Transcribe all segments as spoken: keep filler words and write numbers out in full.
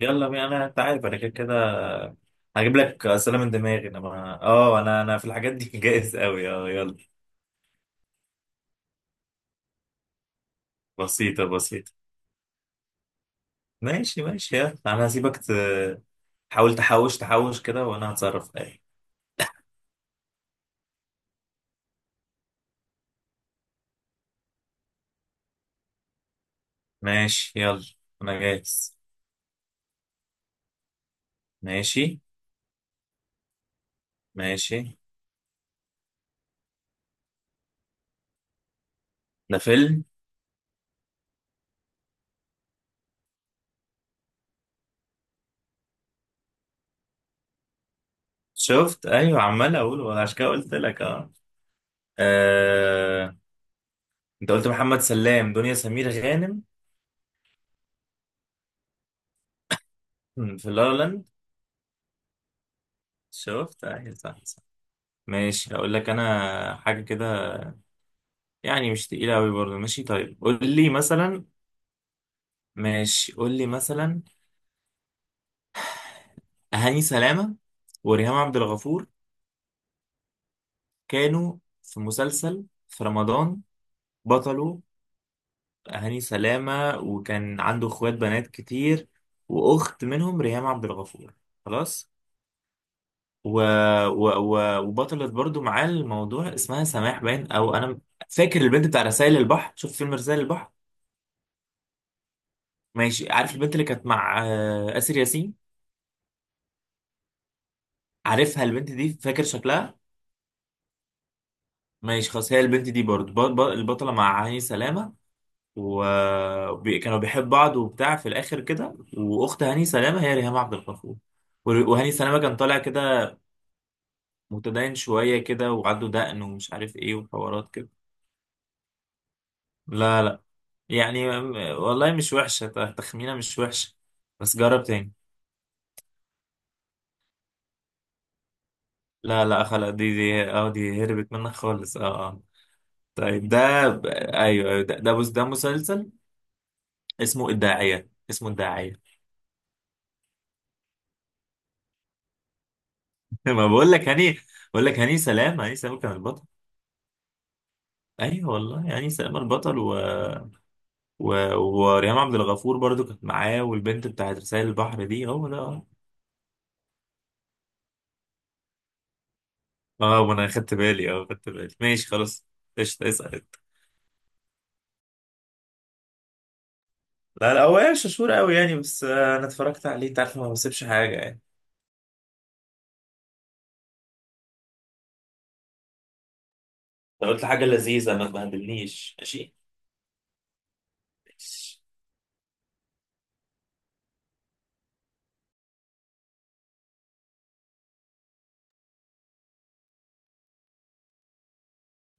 يلا بينا. انا انت عارف انا كده كده هجيب لك اسئله من دماغي. انا ما... اه انا انا في الحاجات دي جاهز قوي، اه يلا. بسيطه بسيطه. ماشي ماشي يلا، انا هسيبك ت- تحاول تحوش تحوش كده وانا هتصرف ايه. ماشي يلا، انا جاهز. ماشي ماشي. ده فيلم؟ شفت، ايوه عمال اقول وانا عشان كده قلت لك. اه آه، انت قلت محمد سلام دنيا سمير غانم في لا لا لاند. شفت، ايوه صح. ماشي هقول لك انا حاجه كده، يعني مش تقيله قوي برضه. ماشي طيب قول لي مثلا. ماشي قول لي مثلا. هاني سلامه وريهام عبد الغفور كانوا في مسلسل في رمضان، بطله هاني سلامه، وكان عنده اخوات بنات كتير، واخت منهم ريهام عبد الغفور، خلاص. و... و... و... وبطلت برضه معاه الموضوع اسمها سماح، باين او انا فاكر البنت بتاع رسائل البحر. شوف فيلم رسائل البحر. ماشي، عارف البنت اللي كانت مع آه، آسر ياسين؟ عارفها البنت دي؟ فاكر شكلها؟ ماشي خلاص، هي البنت دي برضو ب- ب- البطلة مع هاني سلامة، وكانوا بيحب بعض وبتاع في الآخر كده، وأخت هاني سلامة هي ريهام عبد الغفور. ور- وهاني سلامة كان طالع كده متدين شوية كده، وعنده دقن ومش عارف إيه وحوارات كده. لا لا. يعني م- والله مش وحشة، ت- تخمينة مش وحشة، بس جرب تاني. لا لا خلاص، دي دي اه دي هربت منك خالص اه اه. طيب ده ب- ايوه ايوه ده ده، بص- ده مسلسل. اسمه الداعية، اسمه الداعية. ما بقول لك هاني، بقول لك هاني سلام، هاني سلام كان البطل. ايوه والله هاني سلام البطل و... و... وريهام عبد الغفور برضو كانت معاه، والبنت بتاعت رسائل البحر دي هو ده اه. اه، ما انا خدت بالي اه خدت بالي، ماشي خلاص. قشطة، اسأل انت. لا لا، هو يعني شطور قوي يعني، بس آه، انا اتفرجت عليه انت عارف، ما بسيبش حاجة يعني. لو قلت حاجة لذيذة ما تبهدلنيش، ماشي. ماشي.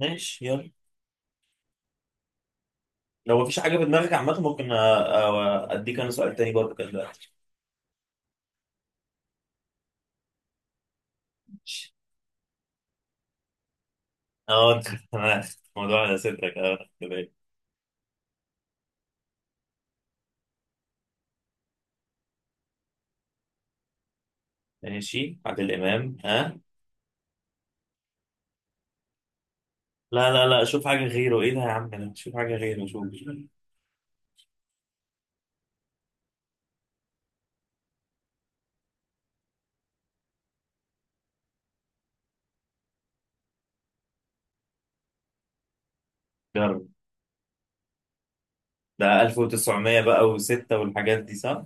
ماشي يلا. لو مفيش حاجة في دماغك عامة، ممكن أ- أ- أديك أنا سؤال تاني برضه كده دلوقتي. اه انت، انا الموضوع على صدرك اه كده. ماشي عادل امام، ها. لا لا لا، شوف حاجه غيره، ايه ده يا عم، انا شوف حاجه غيره، شوف. جرب. ده ألف وتسعمية بقى و6 والحاجات دي صح.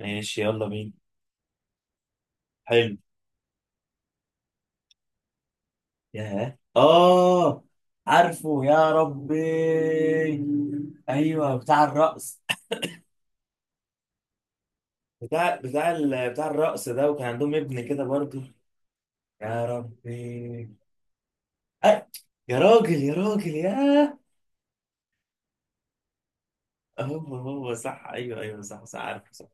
ماشي يلا بينا. حلو. ياه، اه عارفه يا ربي. ايوه بتاع الرقص. بتاع بتاع ال... بتاع الرقص ده، وكان عندهم ابن كده برضه. يا ربي. أه. يا راجل يا راجل ياه. هو هو صح، ايوه ايوه صح صح، عارف صح.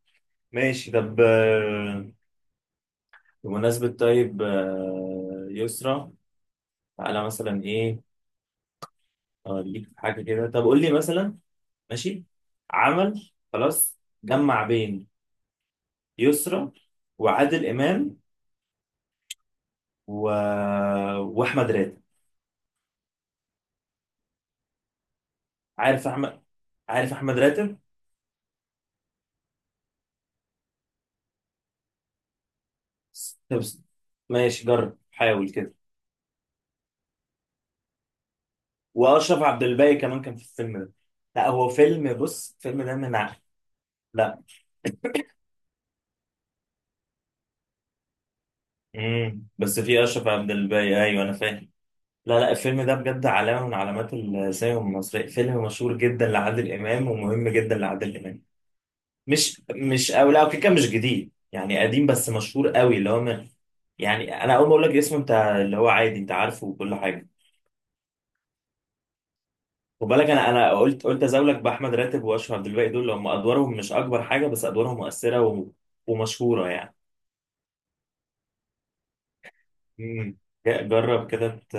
ماشي طب آه، بمناسبة طيب آه، يسرا. تعالى مثلا ايه، اوريك حاجة كده، طب قول لي مثلا. ماشي. عمل خلاص جمع بين يسرا وعادل امام و... واحمد راتب. عارف احمد، عارف احمد راتب. طب ماشي جرب حاول كده. واشرف عبد الباقي كمان كان في الفيلم ده. لا هو فيلم، بص الفيلم ده من ع- لا. امم، بس في اشرف عبد الباقي، ايوه انا فاهم. لا لا، الفيلم ده بجد علامه من علامات السينما المصريه، فيلم مشهور جدا لعادل امام، ومهم جدا لعادل امام. مش مش او لا كده كده مش جديد، يعني قديم بس مشهور قوي، اللي هو من، يعني انا اول ما اقول لك اسمه انت اللي هو عادي انت عارفه وكل حاجه. خد بالك، انا انا قلت، قلت ازولك باحمد راتب واشرف عبد الباقي، دول اللي هم ادوارهم مش اكبر حاجه بس ادوارهم مؤثره و... ومشهوره يعني. امم. جرب كده ت...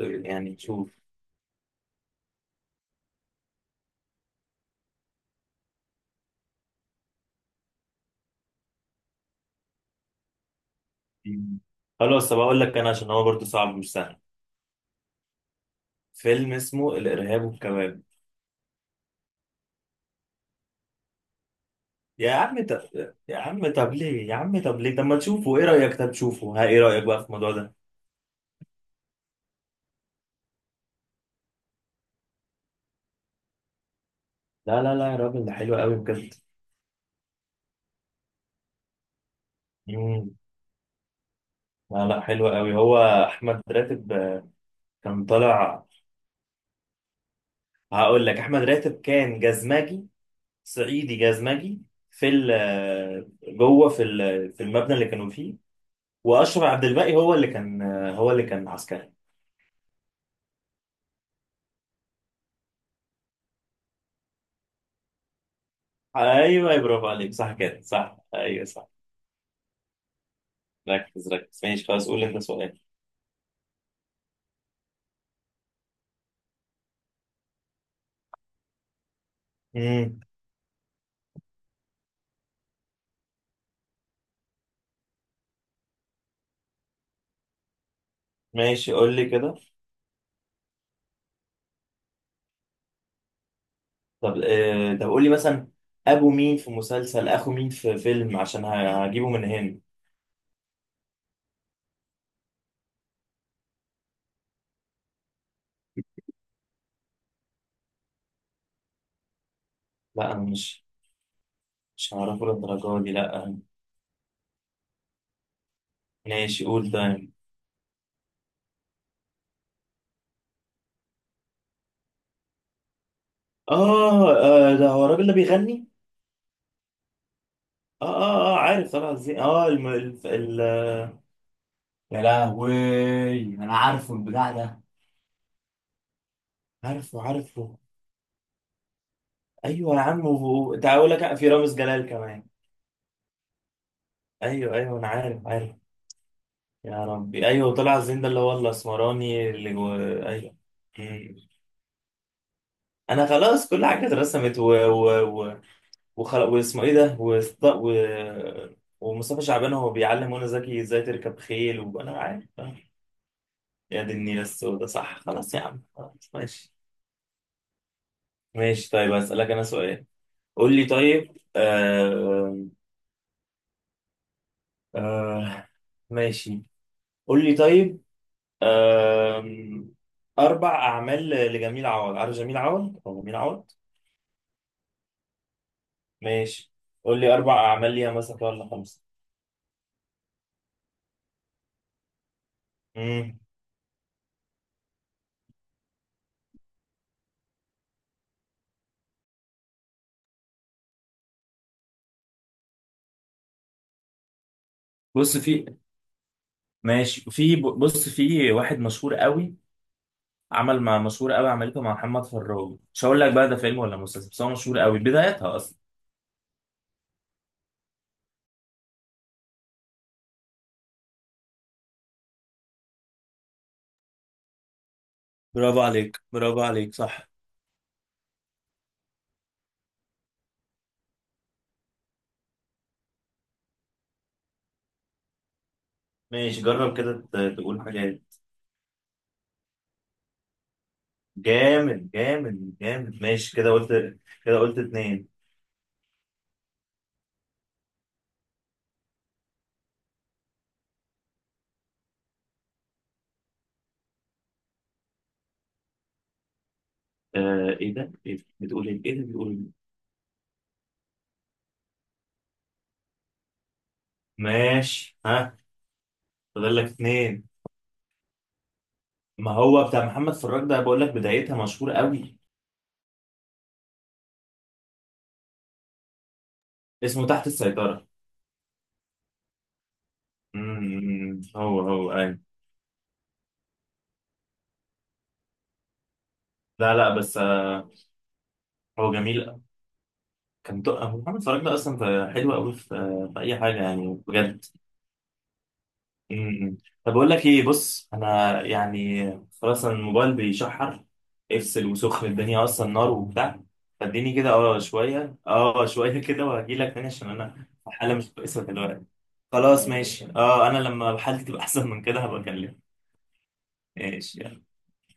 يعني تشوف. خلاص طب اقول لك انا، عشان هو برضه صعب مش سهل. فيلم اسمه الارهاب والكباب. يا عم طب، يا عم طب ليه، يا عم طب ليه، طب ما تشوفه، ايه رايك، طب تشوفه، ها، ايه رايك بقى في الموضوع ده. لا لا لا يا راجل، ده حلو قوي بجد. امم. لا لا، حلو قوي هو. احمد راتب آه، كان طالع. هقول لك، احمد راتب كان جزمجي، صعيدي جزمجي في ال آه، جوه في ال- في المبنى اللي كانوا فيه. واشرف عبد الباقي هو اللي كان آه، هو اللي كان عسكري. ايوه أيوة، برافو عليك، صح كده صح، ايوه صح. ركز ركز ماشي خلاص، قول لي انت سؤال. امم. ماشي قول لي كده. طب آه، طب قول لي مثلا، ابو مين في مسلسل، اخو مين في فيلم، عشان ه- هجيبه من هنا. لا انا مش مش هعرفه للدرجه دي، لا. ماشي قول ده. اه آه، ده هو الراجل اللي بيغني. اه اه اه عارف طبعا ازاي، اه الم... ال... ال... يا لهوي، انا عارفه البتاع ده. عارفه عارفه. ايوه يا عم، و- و- تعال اقول لك في رامز جلال كمان. ايوه ايوه انا عارف عارف. يا ربي ايوه طلع الزين ده اللي هو الاسمراني اللي و... ايوه. مم. انا خلاص كل حاجه اترسمت و... و... و... وخل... واسمه ايه ده وست... و... ومصطفى شعبان هو بيعلم منى زكي ازاي تركب خيل وانا عارف آه. يا دي النيله السوداء، صح، خلاص يا عم خلاص ماشي. ماشي طيب، اسالك انا سؤال. قول لي طيب آه... آه... ماشي. قول لي طيب، أم، أربع أعمال لجميل عوض. عارف جميل عوض أو جميل عوض. ماشي. قول لي أربع أعمال ليها مثلا كده، ولا خمسة. مم. بص في، ماشي في، بص في واحد مشهور قوي، عمل مع مشهور قوي، عملته مع محمد فراج، مش هقول لك بقى ده فيلم ولا مسلسل، بس هو مشهور قوي بدايتها أصلا. برافو عليك، برافو عليك صح. ماشي جرب كده ت- تقول حاجة. جامد جامد جامد، ماشي كده قلت، كده قلت اتنين. آه ايه ده؟ ايه ده؟ بتقول ايه؟ ايه ده بتقول إيه؟ ماشي ها، فاضل لك اتنين. ما هو بتاع محمد فراج ده بقول لك بدايتها مشهورة قوي. اسمه تحت السيطرة. امم، هو هو اي. لا لا، بس آه، هو جميل. كان تو-، هو محمد فراج ده اصلا ف- حلو قوي في آه، في اي حاجة يعني بجد. امم. طب بقول لك ايه، بص انا يعني خلاص، أنا الموبايل بيشحر، افصل وسخن الدنيا اصلا نار وبتاع، فاديني كده اه شوية، اه شوية كده وهجيلك تاني، عشان انا في حالة مش كويسة دلوقتي. خلاص ماشي، اه انا لما حالتي تبقى احسن من كده هبقى اكلمك. ماشي يلا.